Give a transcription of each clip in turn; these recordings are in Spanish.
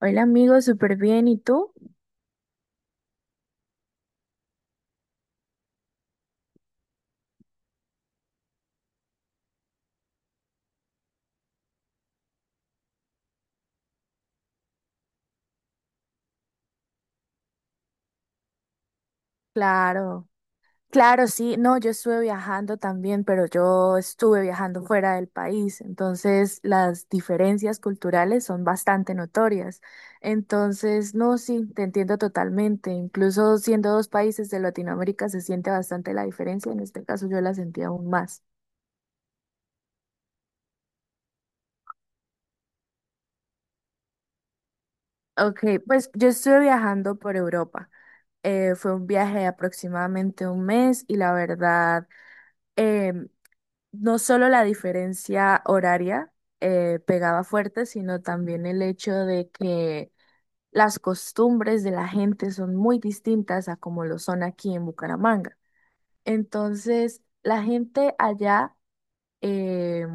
Hola amigo, súper bien. ¿Y tú? Claro, claro, sí. No, yo estuve viajando también, pero yo estuve viajando fuera del país, entonces las diferencias culturales son bastante notorias. Entonces, no, sí, te entiendo totalmente. Incluso siendo dos países de Latinoamérica se siente bastante la diferencia. En este caso yo la sentí aún más. Ok, pues yo estuve viajando por Europa. Fue un viaje de aproximadamente un mes y la verdad em, no solo la diferencia horaria pegaba fuerte, sino también el hecho de que las costumbres de la gente son muy distintas a como lo son aquí en Bucaramanga. Entonces, la gente allá eh,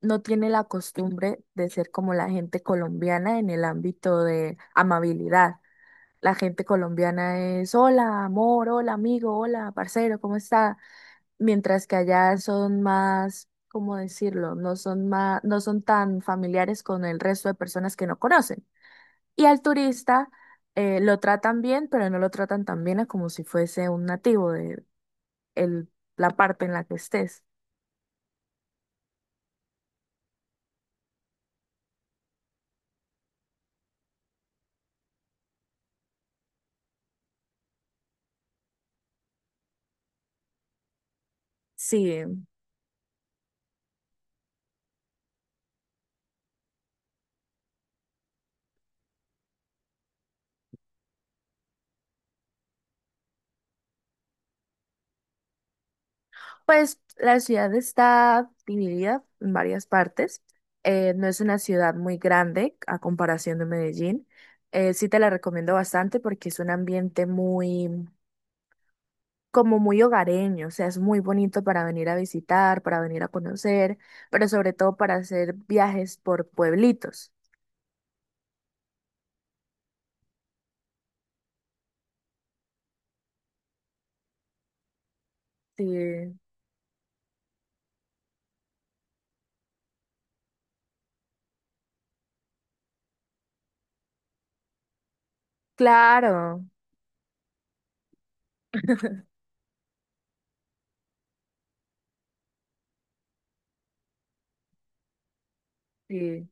no tiene la costumbre de ser como la gente colombiana en el ámbito de amabilidad. La gente colombiana es hola, amor, hola, amigo, hola, parcero, ¿cómo está?, mientras que allá son más, ¿cómo decirlo? No son más, no son tan familiares con el resto de personas que no conocen. Y al turista lo tratan bien, pero no lo tratan tan bien a como si fuese un nativo de el- la parte en la que estés. Sí, pues la ciudad está dividida en varias partes. No es una ciudad muy grande a comparación de Medellín. Sí te la recomiendo bastante porque es un ambiente muy, como muy hogareño, o sea, es muy bonito para venir a visitar, para venir a conocer, pero sobre todo para hacer viajes por pueblitos. Sí, claro, sí,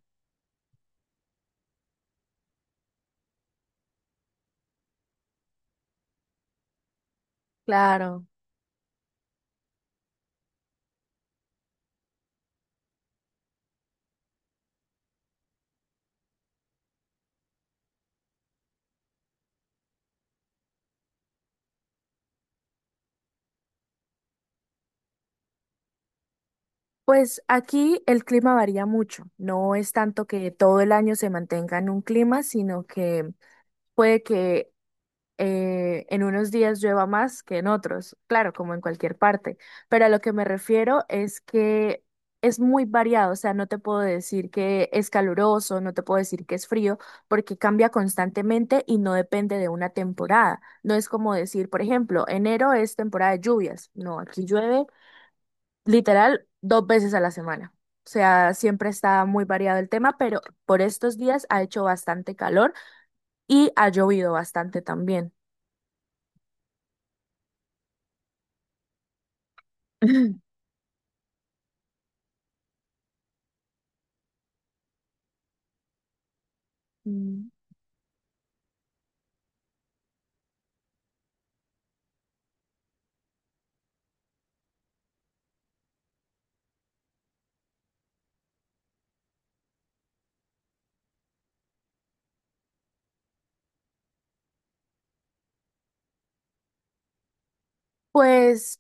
claro. Pues aquí el clima varía mucho, no es tanto que todo el año se mantenga en un clima, sino que puede que en unos días llueva más que en otros, claro, como en cualquier parte, pero a lo que me refiero es que es muy variado, o sea, no te puedo decir que es caluroso, no te puedo decir que es frío, porque cambia constantemente y no depende de una temporada. No es como decir, por ejemplo, enero es temporada de lluvias, no, aquí llueve literal 2 veces a la semana. O sea, siempre está muy variado el tema, pero por estos días ha hecho bastante calor y ha llovido bastante también. Mm. Pues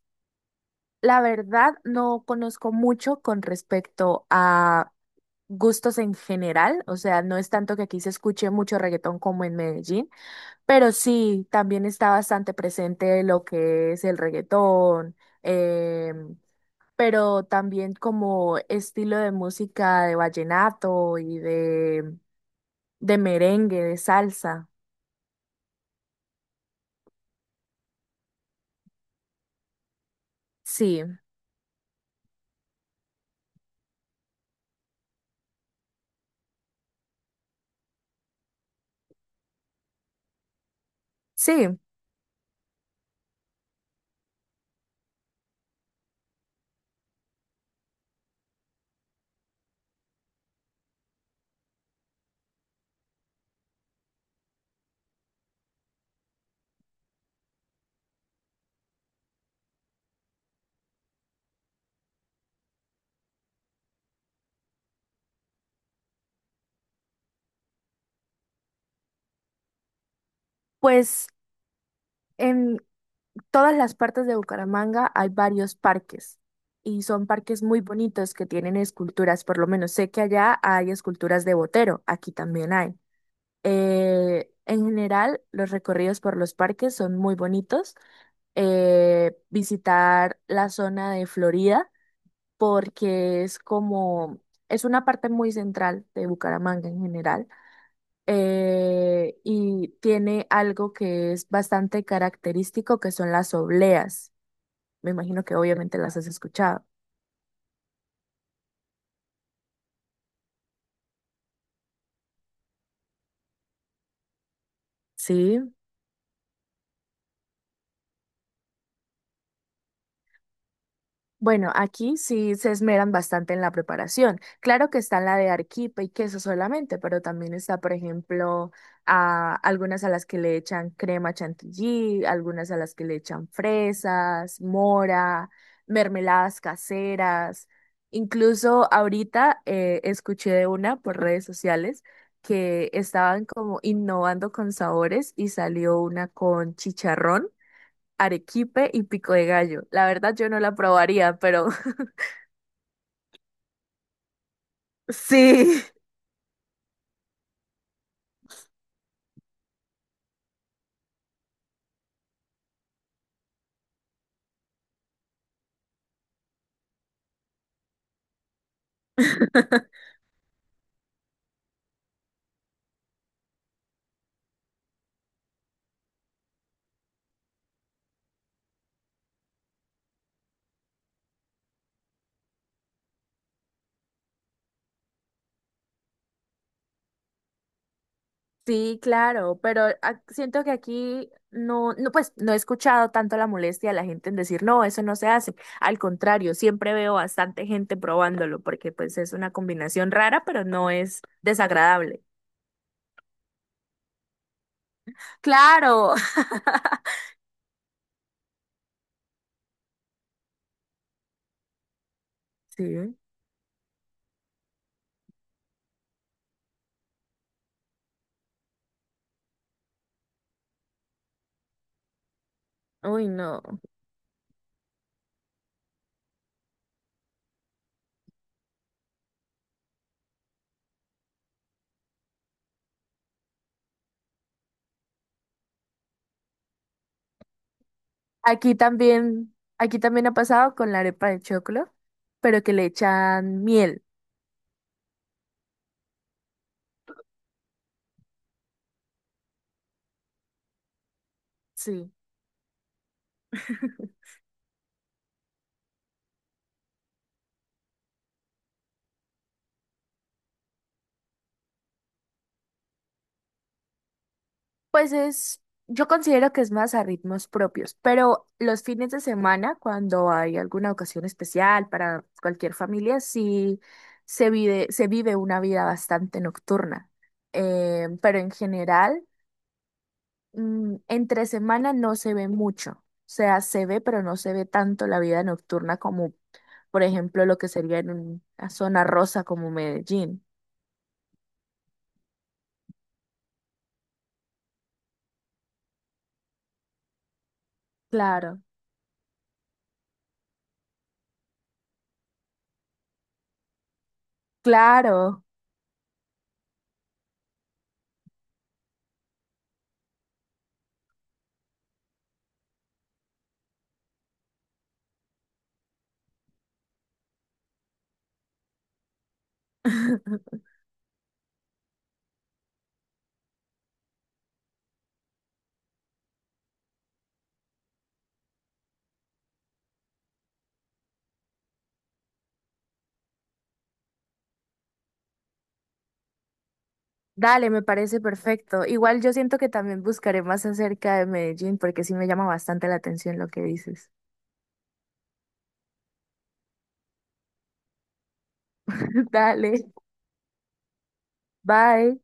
la verdad no conozco mucho con respecto a gustos en general, o sea, no es tanto que aquí se escuche mucho reggaetón como en Medellín, pero sí, también está bastante presente lo que es el reggaetón, em, pero también como estilo de música de vallenato y de merengue, de salsa. Sí, sí, pues en todas las partes de Bucaramanga hay varios parques y son parques muy bonitos que tienen esculturas. Por lo menos sé que allá hay esculturas de Botero, aquí también hay. En general, los recorridos por los parques son muy bonitos. Visitar la zona de Florida porque es como, es una parte muy central de Bucaramanga en general, y tiene algo que es bastante característico, que son las obleas. Me imagino que obviamente las has escuchado. Sí. Bueno, aquí sí se esmeran bastante en la preparación. Claro que está la de arequipe y queso solamente, pero también está, por ejemplo, a algunas a las que le echan crema chantilly, algunas a las que le echan fresas, mora, mermeladas caseras. Incluso ahorita escuché de una por redes sociales que estaban como innovando con sabores y salió una con chicharrón, arequipe y pico de gallo. La verdad yo no la probaría, pero sí. Sí, claro, pero siento que aquí no, no, pues no he escuchado tanto la molestia de la gente en decir, no, eso no se hace. Al contrario, siempre veo bastante gente probándolo porque pues es una combinación rara, pero no es desagradable. Claro. Sí. Uy, no. Aquí también ha pasado con la arepa de choclo, pero que le echan miel. Sí. Pues es, yo considero que es más a ritmos propios, pero los fines de semana, cuando hay alguna ocasión especial para cualquier familia, sí se vive una vida bastante nocturna. Pero en general, entre semana no se ve mucho. O sea, se ve, pero no se ve tanto la vida nocturna como, por ejemplo, lo que sería en una zona rosa como Medellín. Claro, claro. Dale, me parece perfecto. Igual yo siento que también buscaré más acerca de Medellín porque sí me llama bastante la atención lo que dices. Dale, bye.